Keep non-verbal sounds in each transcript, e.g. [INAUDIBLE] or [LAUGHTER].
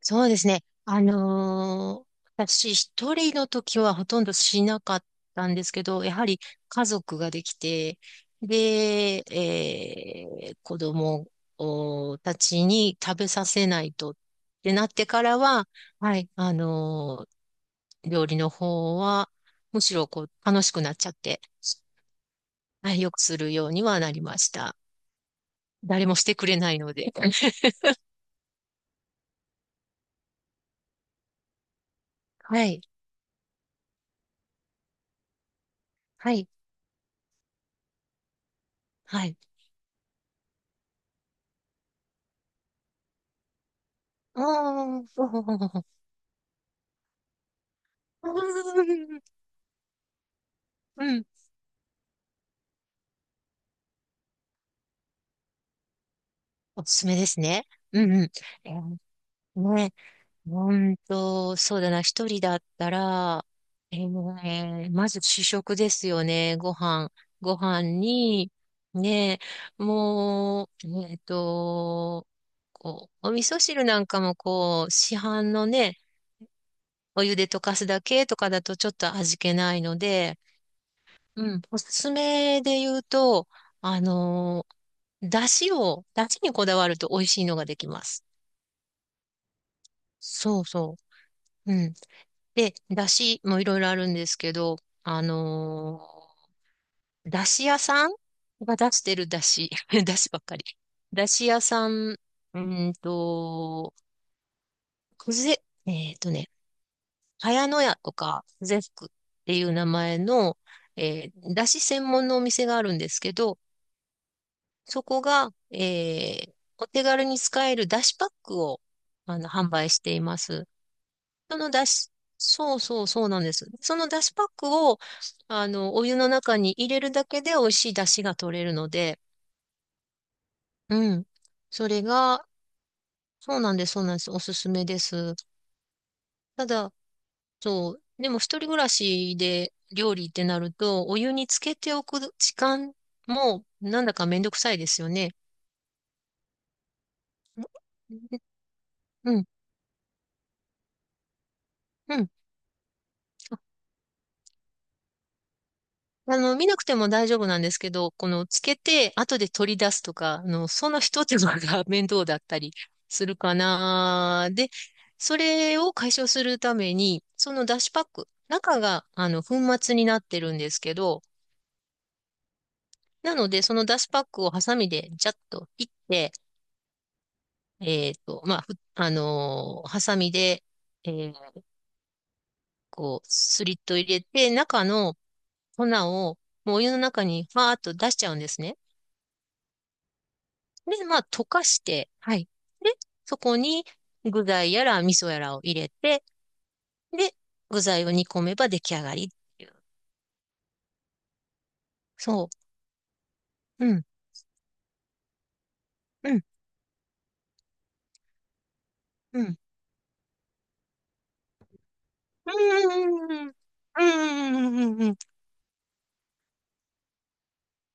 そうですね。私一人の時はほとんどしなかったんですけど、やはり家族ができて、で、子供おたちに食べさせないとってなってからは、はい、料理の方は、むしろこう楽しくなっちゃって、はい、よくするようにはなりました。誰もしてくれないので。[LAUGHS] はい、はい、はい。ああ、[LAUGHS] うん。おすすめですね。うんうん。えーね、ほんと、そうだな、一人だったら、ねまず主食ですよね、ご飯。ご飯に、ね、もう、こう、お味噌汁なんかもこう、市販のね、お湯で溶かすだけとかだとちょっと味気ないので、うん、おすすめで言うと、あのだしにこだわると美味しいのができます。そうそう。うん。で、だしもいろいろあるんですけど、あのだし屋さんが出してるだし、[LAUGHS] だしばっかり。だし屋さん、ーんと、くぜ、えっとね、茅野屋とか、くぜふっていう名前の、だし専門のお店があるんですけど、そこが、お手軽に使えるだしパックを、販売しています。そのだし、そうそうそうなんです。そのだしパックを、お湯の中に入れるだけで美味しいだしが取れるので、うん。それが、そうなんです、そうなんです。おすすめです。ただ、そう、でも一人暮らしで料理ってなると、お湯につけておく時間も、なんだかめんどくさいですよね。うん、うん。見なくても大丈夫なんですけど、この、つけて、後で取り出すとか、その一手間が [LAUGHS] 面倒だったりするかな。で、それを解消するために、そのだしパック、中が、粉末になってるんですけど、なので、そのだしパックをハサミで、ジャッと切って、まあ、ふあのーハサミで、えーこう、スリット入れて、中の粉を、もうお湯の中に、ファーっと出しちゃうんですね。で、まあ、溶かして、はい。で、そこに具材やら味噌やらを入れて、で、具材を煮込めば出来上がりっていう。そう。うん、うん、うん。うーん、うーん、うーん、うーん。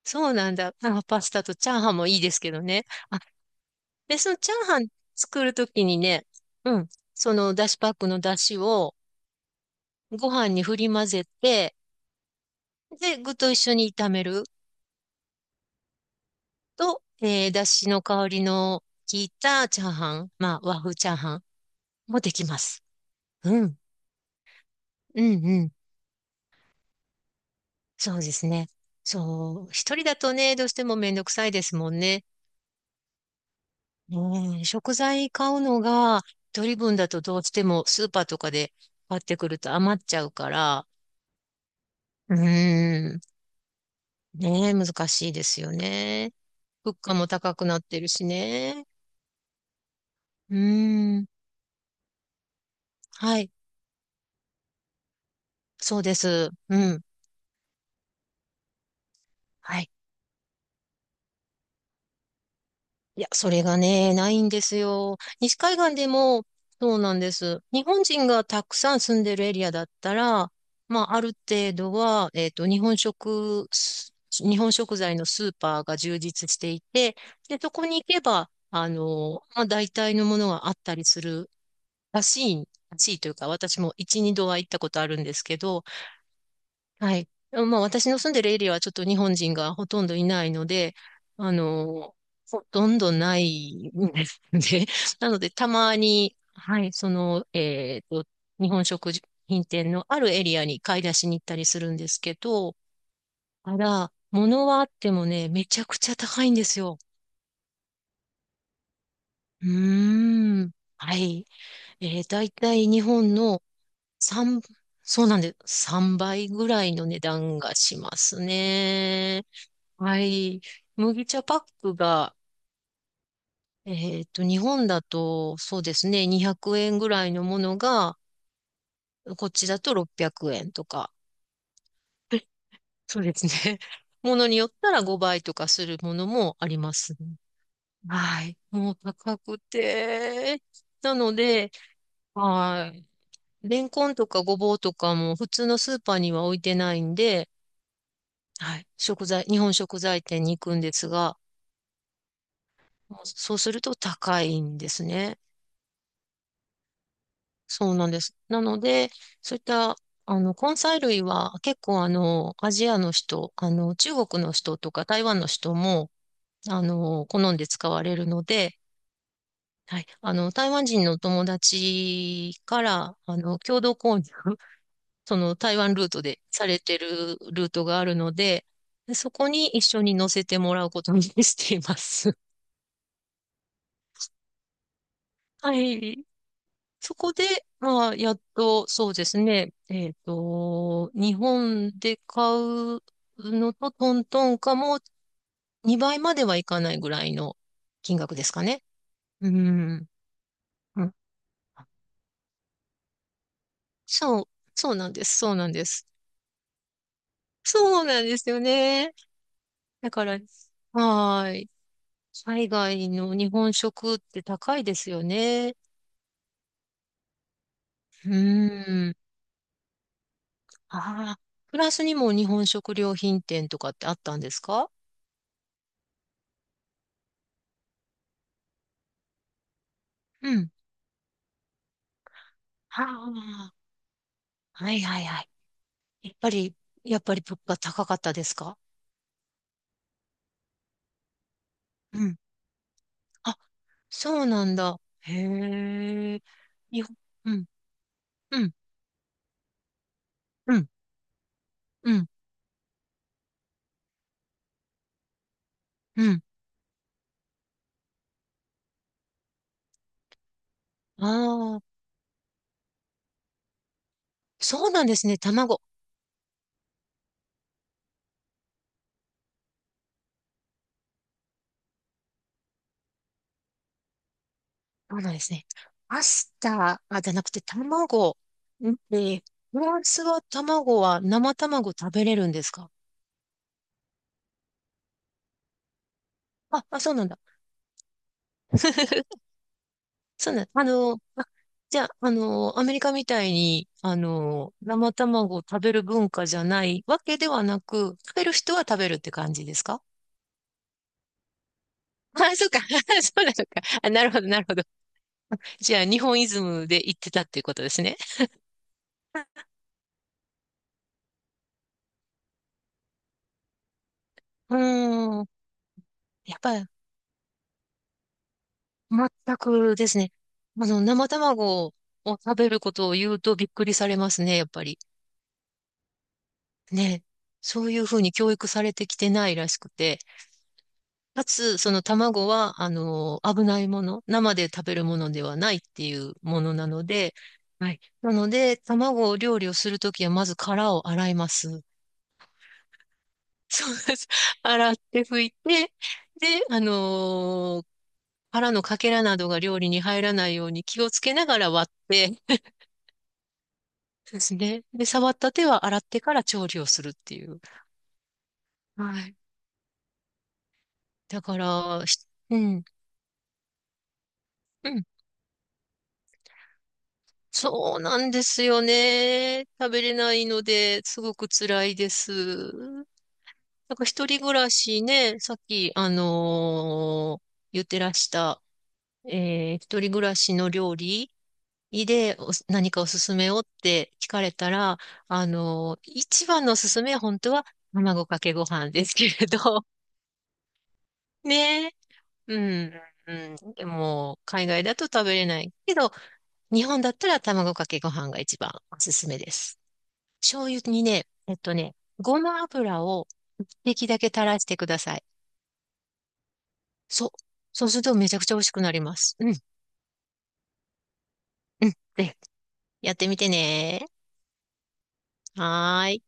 そうなんだ。あ、パスタとチャーハンもいいですけどね。あ、で、そのチャーハン作るときにね、うん、そのだしパックのだしをご飯に振り混ぜて、で、具と一緒に炒める。と、だしの香りの効いたチャーハン、まあ、和風チャーハンもできます。うん、うん、うん。そうですね。そう、一人だとね、どうしてもめんどくさいですもんね。うん、食材買うのが、一人分だとどうしてもスーパーとかで買ってくると余っちゃうから、うん、ねえ、難しいですよね。物価も高くなってるしね。うん、はい、そうです。うん、はい。いや、それがね、ないんですよ。西海岸でも、そうなんです。日本人がたくさん住んでるエリアだったら、まあ、ある程度は、日本食材のスーパーが充実していて、で、そこに行けば、まあ、大体のものがあったりするらしい、らしいというか、私も一、二度は行ったことあるんですけど、はい。まあ、私の住んでるエリアはちょっと日本人がほとんどいないので、あの、ほとんどないんですね。[LAUGHS] なので、たまに、はい、日本食品店のあるエリアに買い出しに行ったりするんですけど、ただ、物はあってもね、めちゃくちゃ高いんですよ。うーん。はい。だいたい日本の3、そうなんです。3倍ぐらいの値段がしますね。はい。麦茶パックが、日本だと、そうですね、200円ぐらいのものが、こっちだと600円とか。そうですね。[LAUGHS] ものによったら5倍とかするものもありますね。はい。もう高くて。なので、はい。レンコンとかごぼうとかも普通のスーパーには置いてないんで、はい。日本食材店に行くんですが、そうすると高いんですね。そうなんです。なので、そういった、根菜類は結構アジアの人、中国の人とか台湾の人も、好んで使われるので、はい、台湾人の友達から、共同購入、[LAUGHS] その台湾ルートでされてるルートがあるので、そこに一緒に乗せてもらうことにしています。[LAUGHS] はい。そこで、まあ、やっと、そうですね、日本で買うのとトントンかも2倍まではいかないぐらいの金額ですかね。うん。うんそう、そうなんです、そうなんです。そうなんですよね。だから、はーい。海外の日本食って高いですよね。うん。ああ、フランスにも日本食料品店とかってあったんですか？うん。はあ。はいはいはい。やっぱり、やっぱり物価高かったですか？うん。あ、そうなんだ。へえ。日本、うん、うん、うん、うん、うん。ああ、そうなんですね。卵。そうなんですね。パスタ、あ、じゃなくて卵。んえー、フランスは卵は生卵食べれるんですか？あ、あ、そうなんだ。[LAUGHS] そうなん、あの、あ、じゃあ、アメリカみたいに、生卵を食べる文化じゃないわけではなく、食べる人は食べるって感じですか？ [LAUGHS] あ、そうか。[LAUGHS] そうなのか。あ、なるほど、なるほど。じゃあ、日本イズムで言ってたっていうことですね。うーん。やっぱり、全くですね。生卵を食べることを言うとびっくりされますね、やっぱり。ね。そういうふうに教育されてきてないらしくて。かつ、その卵は、危ないもの、生で食べるものではないっていうものなので、はい。なので、卵を料理をするときは、まず殻を洗います。[LAUGHS] そうです。洗って拭いて、で、殻のかけらなどが料理に入らないように気をつけながら割って、[LAUGHS] そうですね。で、触った手は洗ってから調理をするっていう。はい。だから、うん。うんそうなんですよね。食べれないので、すごく辛いです。なんか一人暮らしね、さっき、言ってらした、一人暮らしの料理で何かおすすめをって聞かれたら、一番のおすすめは本当は卵かけご飯ですけれど、[LAUGHS] ね。うん。うん、でも、海外だと食べれないけど、日本だったら卵かけご飯が一番おすすめです。醤油にね、ごま油を一滴だけ垂らしてください。そう。そうするとめちゃくちゃ美味しくなります。うん、うん。で、やってみてね。はーい。